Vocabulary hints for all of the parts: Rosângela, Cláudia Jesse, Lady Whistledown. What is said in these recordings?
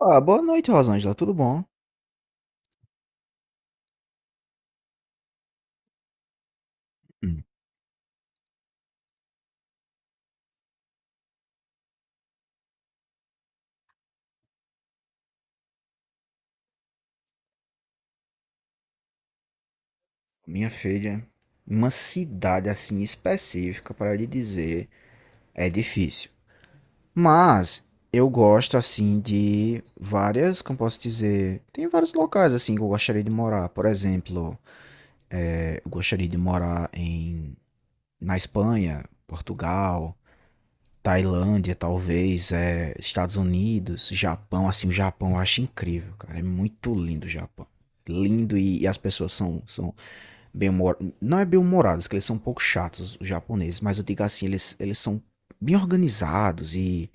Ah, boa noite, Rosângela. Tudo bom? Hum. Minha filha, uma cidade assim específica para lhe dizer é difícil. Mas eu gosto assim de várias, como posso dizer, tem vários locais assim que eu gostaria de morar. Por exemplo, eu gostaria de morar na Espanha, Portugal, Tailândia, talvez, Estados Unidos, Japão. Assim, o Japão eu acho incrível, cara. É muito lindo o Japão. Lindo e as pessoas são bem humor... Não é bem humorados, que eles são um pouco chatos, os japoneses, mas eu digo assim, eles são bem organizados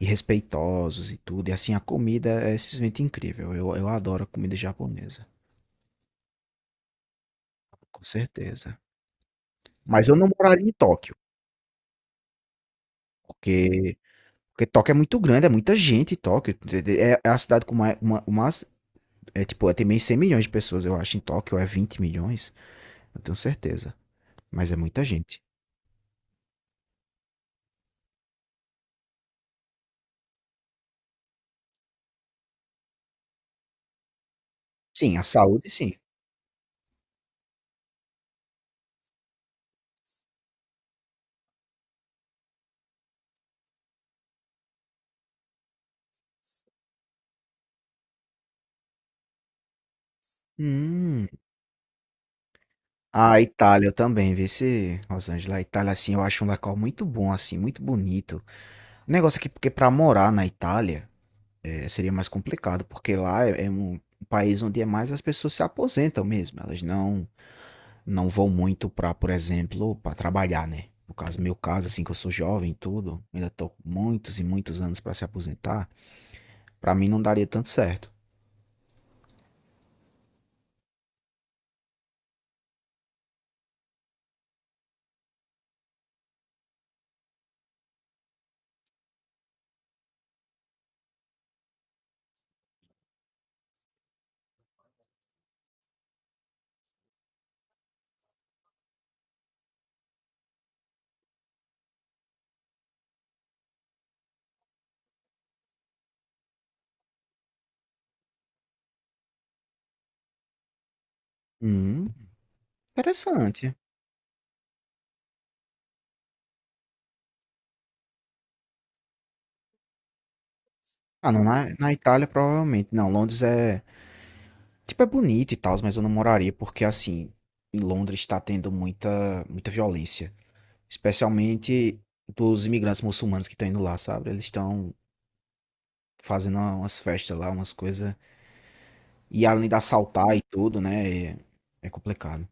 e respeitosos e tudo. E assim, a comida é simplesmente incrível. Eu adoro a comida japonesa, com certeza. Mas eu não moraria em Tóquio, porque, porque Tóquio é muito grande, é muita gente em Tóquio. É a cidade com mais, uma, é tipo, tem meio 100 milhões de pessoas, eu acho. Em Tóquio é 20 milhões, eu tenho certeza. Mas é muita gente. Sim, a saúde, sim. Hum. A Itália eu também, vê se Los Angeles, a Itália assim, eu acho um local muito bom assim, muito bonito. O negócio aqui, porque para morar na Itália seria mais complicado, porque lá é um país onde é mais as pessoas se aposentam mesmo, elas não vão muito para, por exemplo, para trabalhar, né? No caso, meu caso assim, que eu sou jovem, e tudo, ainda tô com muitos e muitos anos para se aposentar, para mim não daria tanto certo. Hum, interessante. Ah, não, na Itália provavelmente. Não, Londres é, tipo, é bonito e tal, mas eu não moraria porque, assim, em Londres está tendo muita violência. Especialmente dos imigrantes muçulmanos que estão indo lá, sabe? Eles estão fazendo umas festas lá, umas coisas. E além de assaltar e tudo, né? É complicado.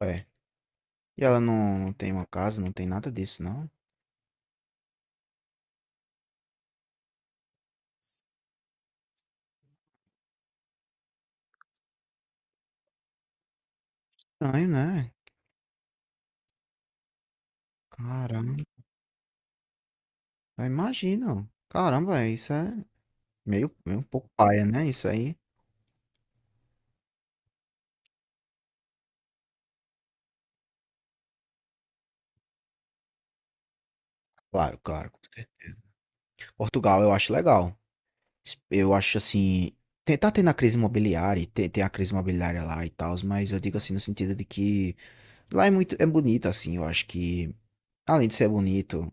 É. E ela não tem uma casa, não tem nada disso, não? Estranho, né? Caramba. Eu imagino. Caramba, é, isso é meio um pouco paia, né? Isso aí. Claro, claro. Com certeza. Portugal eu acho legal. Eu acho assim. Tá tendo a crise imobiliária, tem a crise imobiliária lá e tal, mas eu digo assim no sentido de que lá é muito, é bonito, assim, eu acho que, além de ser bonito,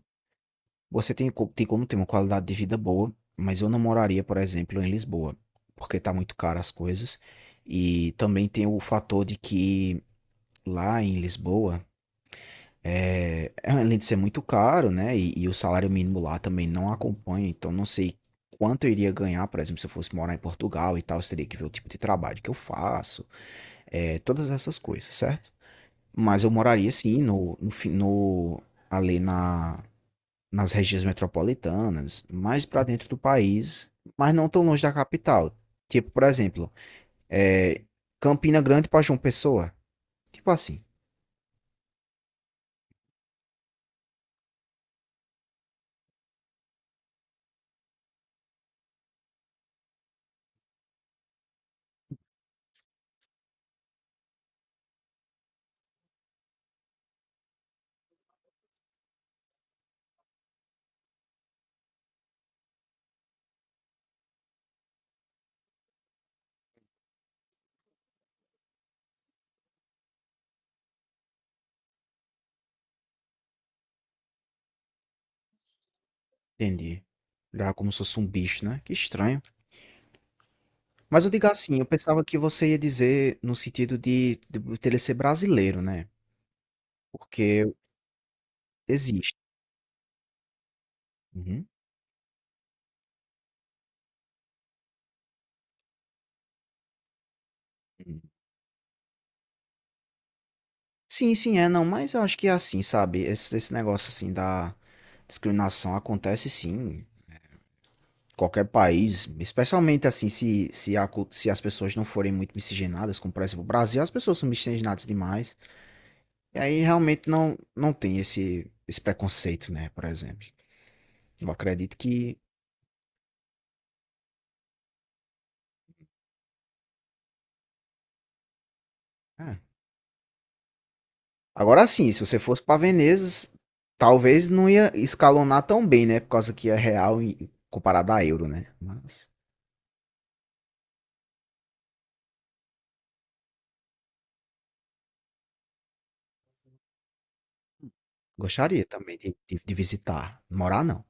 você tem como ter uma qualidade de vida boa, mas eu não moraria, por exemplo, em Lisboa, porque tá muito caro as coisas, e também tem o fator de que lá em Lisboa, além de ser muito caro, né? E o salário mínimo lá também não acompanha, então não sei quanto eu iria ganhar, por exemplo, se eu fosse morar em Portugal e tal, eu teria que ver o tipo de trabalho que eu faço, todas essas coisas, certo? Mas eu moraria sim ali nas regiões metropolitanas, mais para dentro do país, mas não tão longe da capital. Tipo, por exemplo, é, Campina Grande para João Pessoa, tipo assim, entendi. Já como se fosse um bicho, né? Que estranho. Mas eu digo assim, eu pensava que você ia dizer no sentido de dele ser brasileiro, né, porque existe. Uhum, uhum. Sim, sim, é, não, mas eu acho que é assim, sabe, esse negócio, assim, da discriminação acontece sim, em qualquer país, especialmente, assim, se se a cul se as pessoas não forem muito miscigenadas, como, por exemplo, o Brasil, as pessoas são miscigenadas demais, e aí realmente não tem esse preconceito, né, por exemplo. Eu acredito que é. Agora sim, se você fosse para Veneza, talvez não ia escalonar tão bem, né? Por causa que é real e comparado a euro, né? Mas gostaria também de, de visitar. Morar não.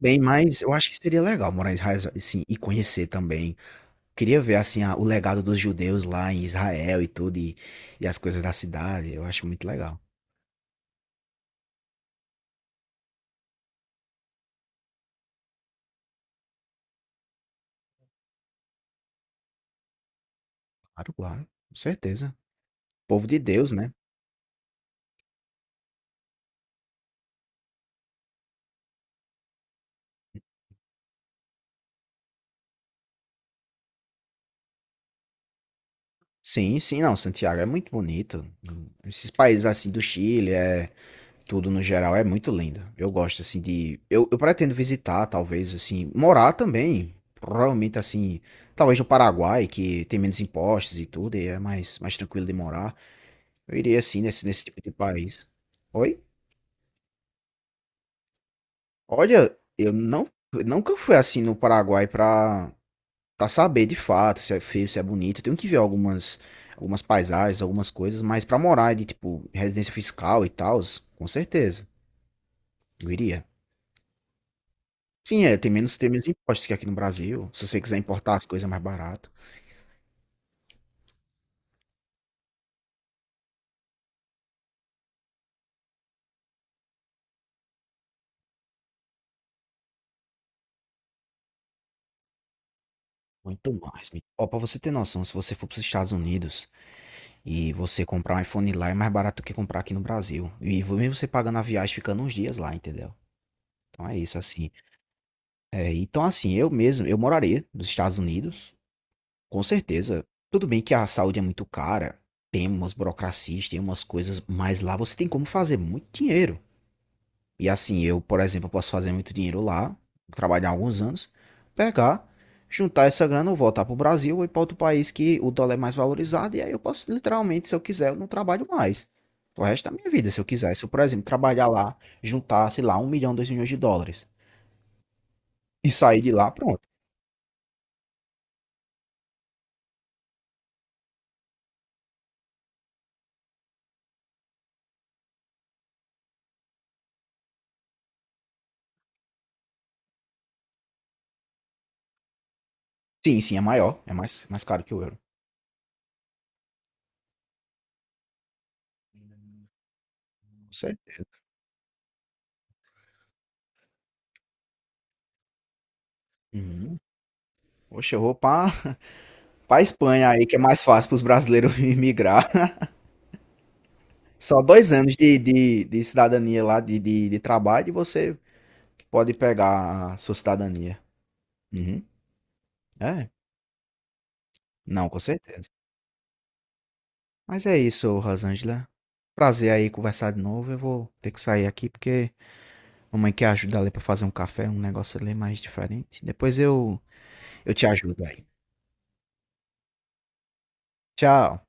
Bem, mas eu acho que seria legal morar em Israel, assim, e conhecer também. Queria ver, assim, o legado dos judeus lá em Israel e tudo, e as coisas da cidade. Eu acho muito legal. Claro, claro. Com certeza. Povo de Deus, né? Sim, sim, não. Santiago é muito bonito. Esses países, assim, do Chile, é. Tudo no geral é muito lindo. Eu gosto, assim, de. Eu pretendo visitar, talvez, assim. Morar também. Provavelmente, assim. Talvez no Paraguai, que tem menos impostos e tudo, e é mais, mais tranquilo de morar. Eu iria, assim, nesse tipo de país. Oi? Olha, eu nunca fui assim no Paraguai pra saber de fato se é feio, se é bonito. Eu tenho que ver algumas paisagens, algumas coisas, mas pra morar de, tipo, residência fiscal e tal, com certeza. Eu iria. Sim, é, tem menos impostos que aqui no Brasil, se você quiser importar as coisas é mais barato, muito mais me ó, pra você ter noção, se você for para os Estados Unidos e você comprar um iPhone lá é mais barato do que comprar aqui no Brasil, e vo mesmo você pagando a viagem ficando uns dias lá, entendeu. Então é isso, assim, então assim, eu mesmo, eu moraria nos Estados Unidos, com certeza, tudo bem que a saúde é muito cara, tem umas burocracias, tem umas coisas, mas lá você tem como fazer muito dinheiro. E assim, eu, por exemplo, posso fazer muito dinheiro lá, trabalhar alguns anos, pegar, juntar essa grana, eu voltar para o Brasil ou ir para outro país que o dólar é mais valorizado, e aí eu posso, literalmente, se eu quiser, eu não trabalho mais. O resto da minha vida, se eu quiser. Se eu, por exemplo, trabalhar lá, juntar, sei lá, 1 milhão, 2 milhões de dólares e sair de lá, pronto. Sim, sim, é maior, é mais, mais caro que o euro. Você? Uhum. Poxa, eu vou pra, pra Espanha aí, que é mais fácil pros brasileiros migrar. Só 2 anos de cidadania lá, de trabalho, e você pode pegar a sua cidadania. Uhum. É? Não, com certeza. Mas é isso, Rosângela. Prazer aí conversar de novo. Eu vou ter que sair aqui porque mamãe quer ajudar ali pra fazer um café, um negócio ali mais diferente. Depois eu te ajudo aí. Tchau.